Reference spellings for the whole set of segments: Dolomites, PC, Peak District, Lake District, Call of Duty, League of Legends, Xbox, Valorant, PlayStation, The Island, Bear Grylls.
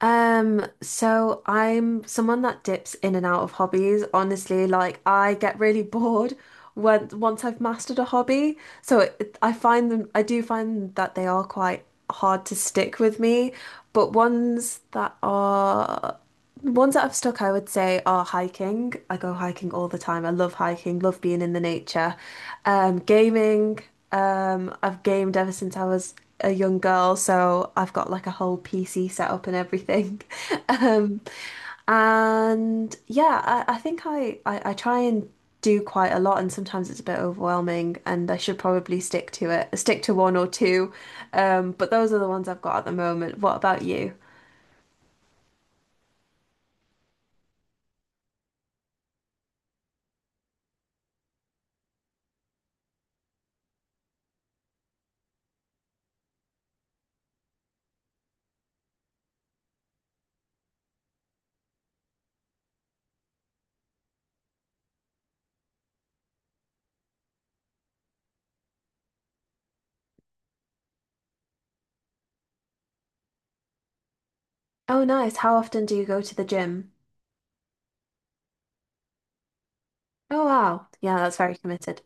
So I'm someone that dips in and out of hobbies. Honestly, like I get really bored when once I've mastered a hobby. I find them, I do find that they are quite hard to stick with me, but ones that are the ones that I've stuck, I would say, are hiking. I go hiking all the time. I love hiking, love being in the nature. Gaming. I've gamed ever since I was a young girl, so I've got like a whole PC set up and everything. Um, and yeah, I think I try and do quite a lot, and sometimes it's a bit overwhelming, and I should probably stick to one or two. But those are the ones I've got at the moment. What about you? Oh, nice. How often do you go to the gym? Oh wow. Yeah, that's very committed.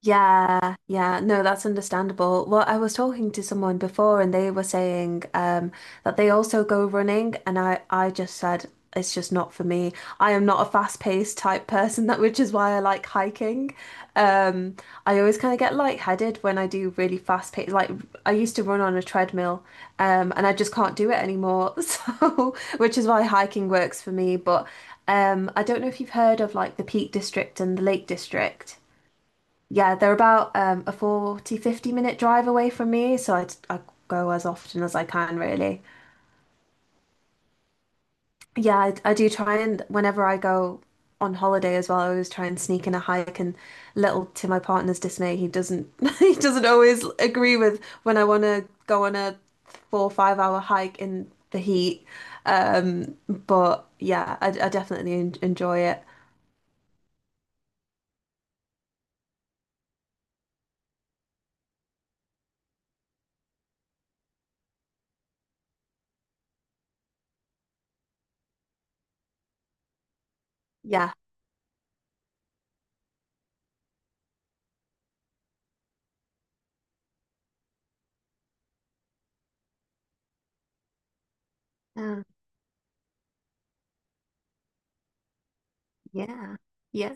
Yeah, yeah, no, that's understandable. Well, I was talking to someone before and they were saying that they also go running, and I just said it's just not for me. I am not a fast-paced type person that which is why I like hiking. Um I always kind of get lightheaded when I do really fast-paced like I used to run on a treadmill, and I just can't do it anymore. So, which is why hiking works for me, but I don't know if you've heard of like the Peak District and the Lake District. Yeah, they're about a 40 50 minute drive away from me, so I go as often as I can, really. Yeah, I do try, and whenever I go on holiday as well, I always try and sneak in a hike. And little to my partner's dismay, he doesn't he doesn't always agree with when I want to go on a 4 or 5 hour hike in the heat. But yeah, I definitely en enjoy it. Yeah. Oh, yeah. Yeah.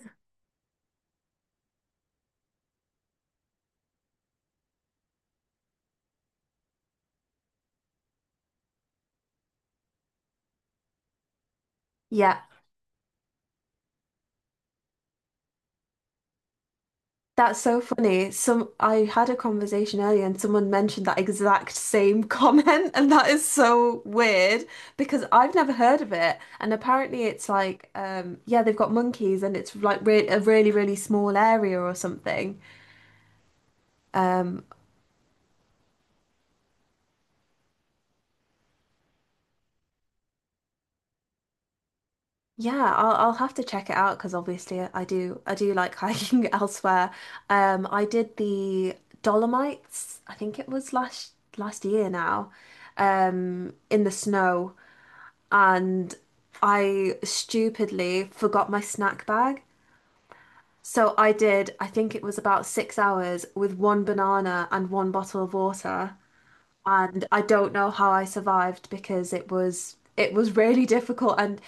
Yeah. That's so funny. Some I had a conversation earlier and someone mentioned that exact same comment and that is so weird because I've never heard of it. And apparently it's like yeah, they've got monkeys and it's like re a really really small area or something. Um yeah, I'll have to check it out, because obviously I do like hiking elsewhere. I did the Dolomites, I think it was last year now. Um, in the snow. And I stupidly forgot my snack bag. So I did, I think it was about 6 hours with one banana and one bottle of water. And I don't know how I survived, because it was really difficult and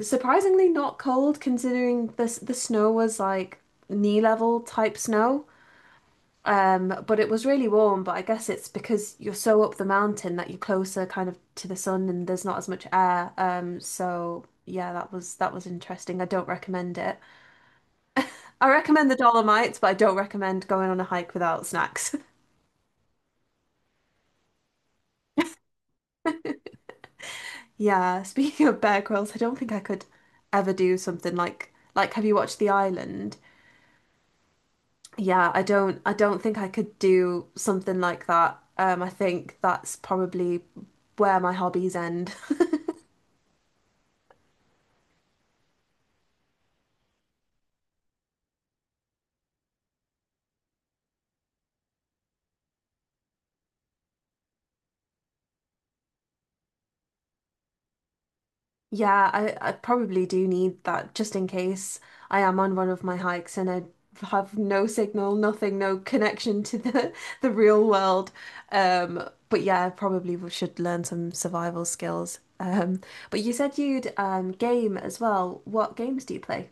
surprisingly not cold, considering the snow was like knee level type snow. But it was really warm, but I guess it's because you're so up the mountain that you're closer kind of to the sun and there's not as much air. So yeah, that was interesting. I don't recommend it. I recommend the Dolomites, but I don't recommend going on a hike without snacks. Yeah, speaking of Bear Grylls, I don't think I could ever do something like, have you watched The Island? Yeah, I don't think I could do something like that. I think that's probably where my hobbies end. Yeah, I probably do need that, just in case I am on one of my hikes and I have no signal, nothing, no connection to the the real world. But yeah, I probably should learn some survival skills. But you said you'd game as well. What games do you play?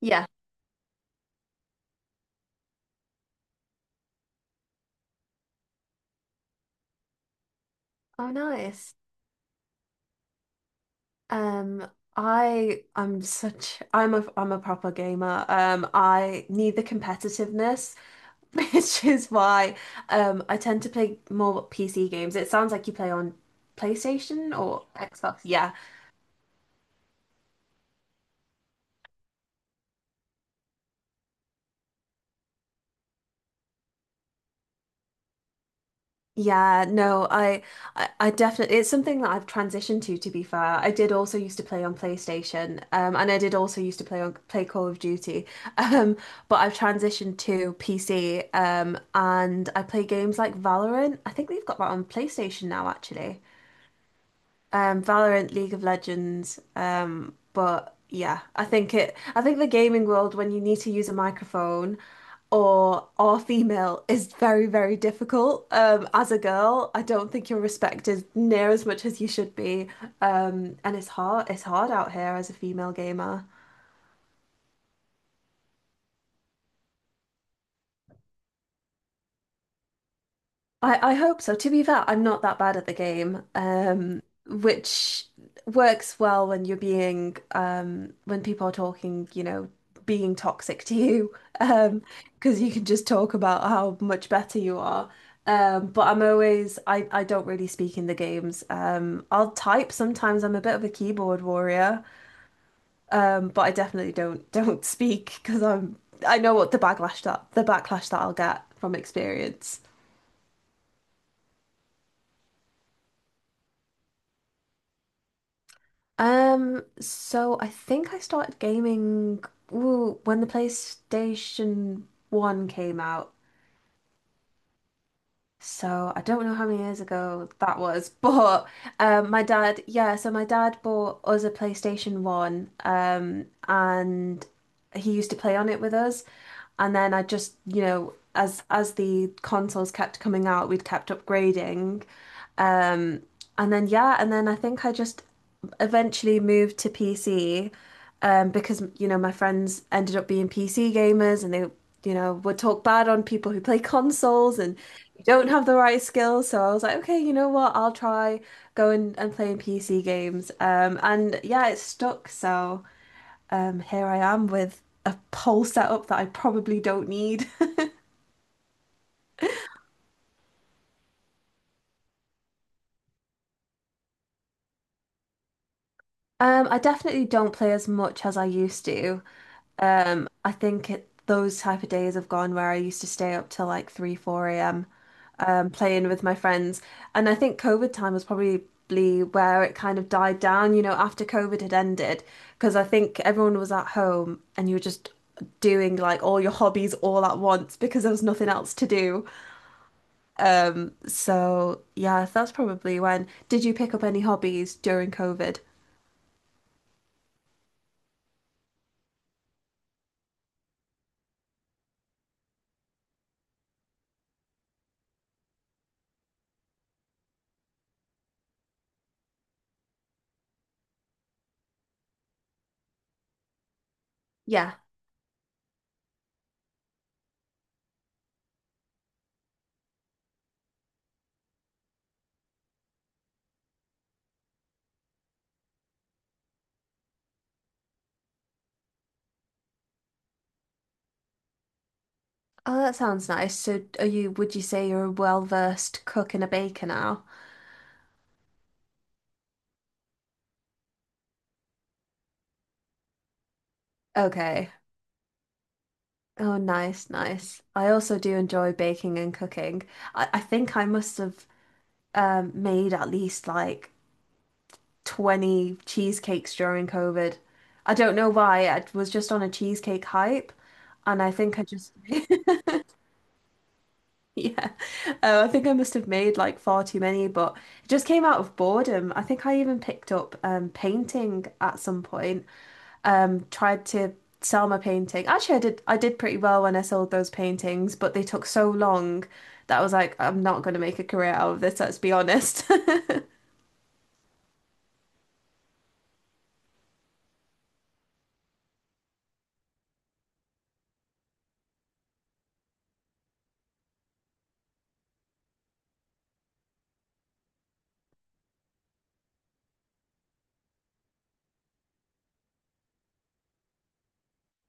Yeah. Oh, nice. Um, I'm a proper gamer. I need the competitiveness, which is why I tend to play more PC games. It sounds like you play on PlayStation or Xbox. Yeah. Yeah, no, I definitely, it's something that I've transitioned to be fair. I did also used to play on PlayStation, and I did also used to play Call of Duty, um, but I've transitioned to PC, and I play games like Valorant. I think they've got that on PlayStation now, actually. Valorant, League of Legends. But yeah, I think it. I think the gaming world, when you need to use a microphone or female, is very, very difficult. As a girl, I don't think you're respected near as much as you should be. And it's hard. It's hard out here as a female gamer. I hope so. To be fair, I'm not that bad at the game, which works well when you're being, when people are talking, you know, being toxic to you, um, because you can just talk about how much better you are. But I'm always, I don't really speak in the games. I'll type sometimes. I'm a bit of a keyboard warrior, but I definitely don't don't speak, because I know what the backlash that I'll get from experience. So I think I started gaming ooh, when the PlayStation 1 came out. So I don't know how many years ago that was, but my dad, yeah, so my dad bought us a PlayStation 1 and he used to play on it with us. And then I just, you know, as the consoles kept coming out, we'd kept upgrading. And then yeah, and then I think I just eventually moved to PC, because you know my friends ended up being PC gamers and they you know would talk bad on people who play consoles and you don't have the right skills. So I was like, okay, you know what? I'll try going and playing PC games. And yeah, it stuck. So here I am with a whole setup that I probably don't need. I definitely don't play as much as I used to. I think those type of days have gone where I used to stay up till like 3, 4 a.m. Playing with my friends. And I think COVID time was probably where it kind of died down, you know, after COVID had ended, because I think everyone was at home and you were just doing like all your hobbies all at once because there was nothing else to do. So yeah, that's probably when. Did you pick up any hobbies during COVID? Yeah. Oh, that sounds nice. So are you, would you say you're a well-versed cook and a baker now? Okay. Oh, nice, nice. I also do enjoy baking and cooking. I think I must have made at least like 20 cheesecakes during COVID. I don't know why. I was just on a cheesecake hype, and I think I just yeah. Oh, I think I must have made like far too many, but it just came out of boredom. I think I even picked up painting at some point. Um, tried to sell my painting. Actually, I did pretty well when I sold those paintings, but they took so long that I was like, I'm not going to make a career out of this, let's be honest.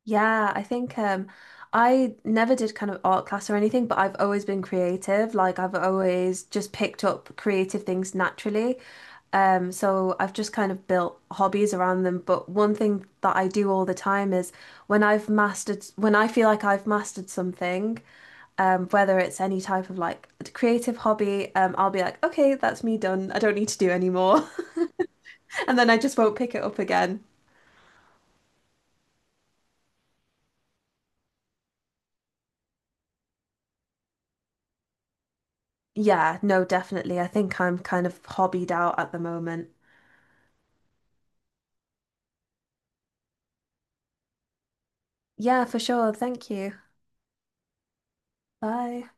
Yeah, I think I never did kind of art class or anything, but I've always been creative. Like I've always just picked up creative things naturally. So I've just kind of built hobbies around them. But one thing that I do all the time is when I feel like I've mastered something, whether it's any type of like creative hobby, I'll be like, okay, that's me done. I don't need to do anymore. And then I just won't pick it up again. Yeah, no, definitely. I think I'm kind of hobbied out at the moment. Yeah, for sure. Thank you. Bye.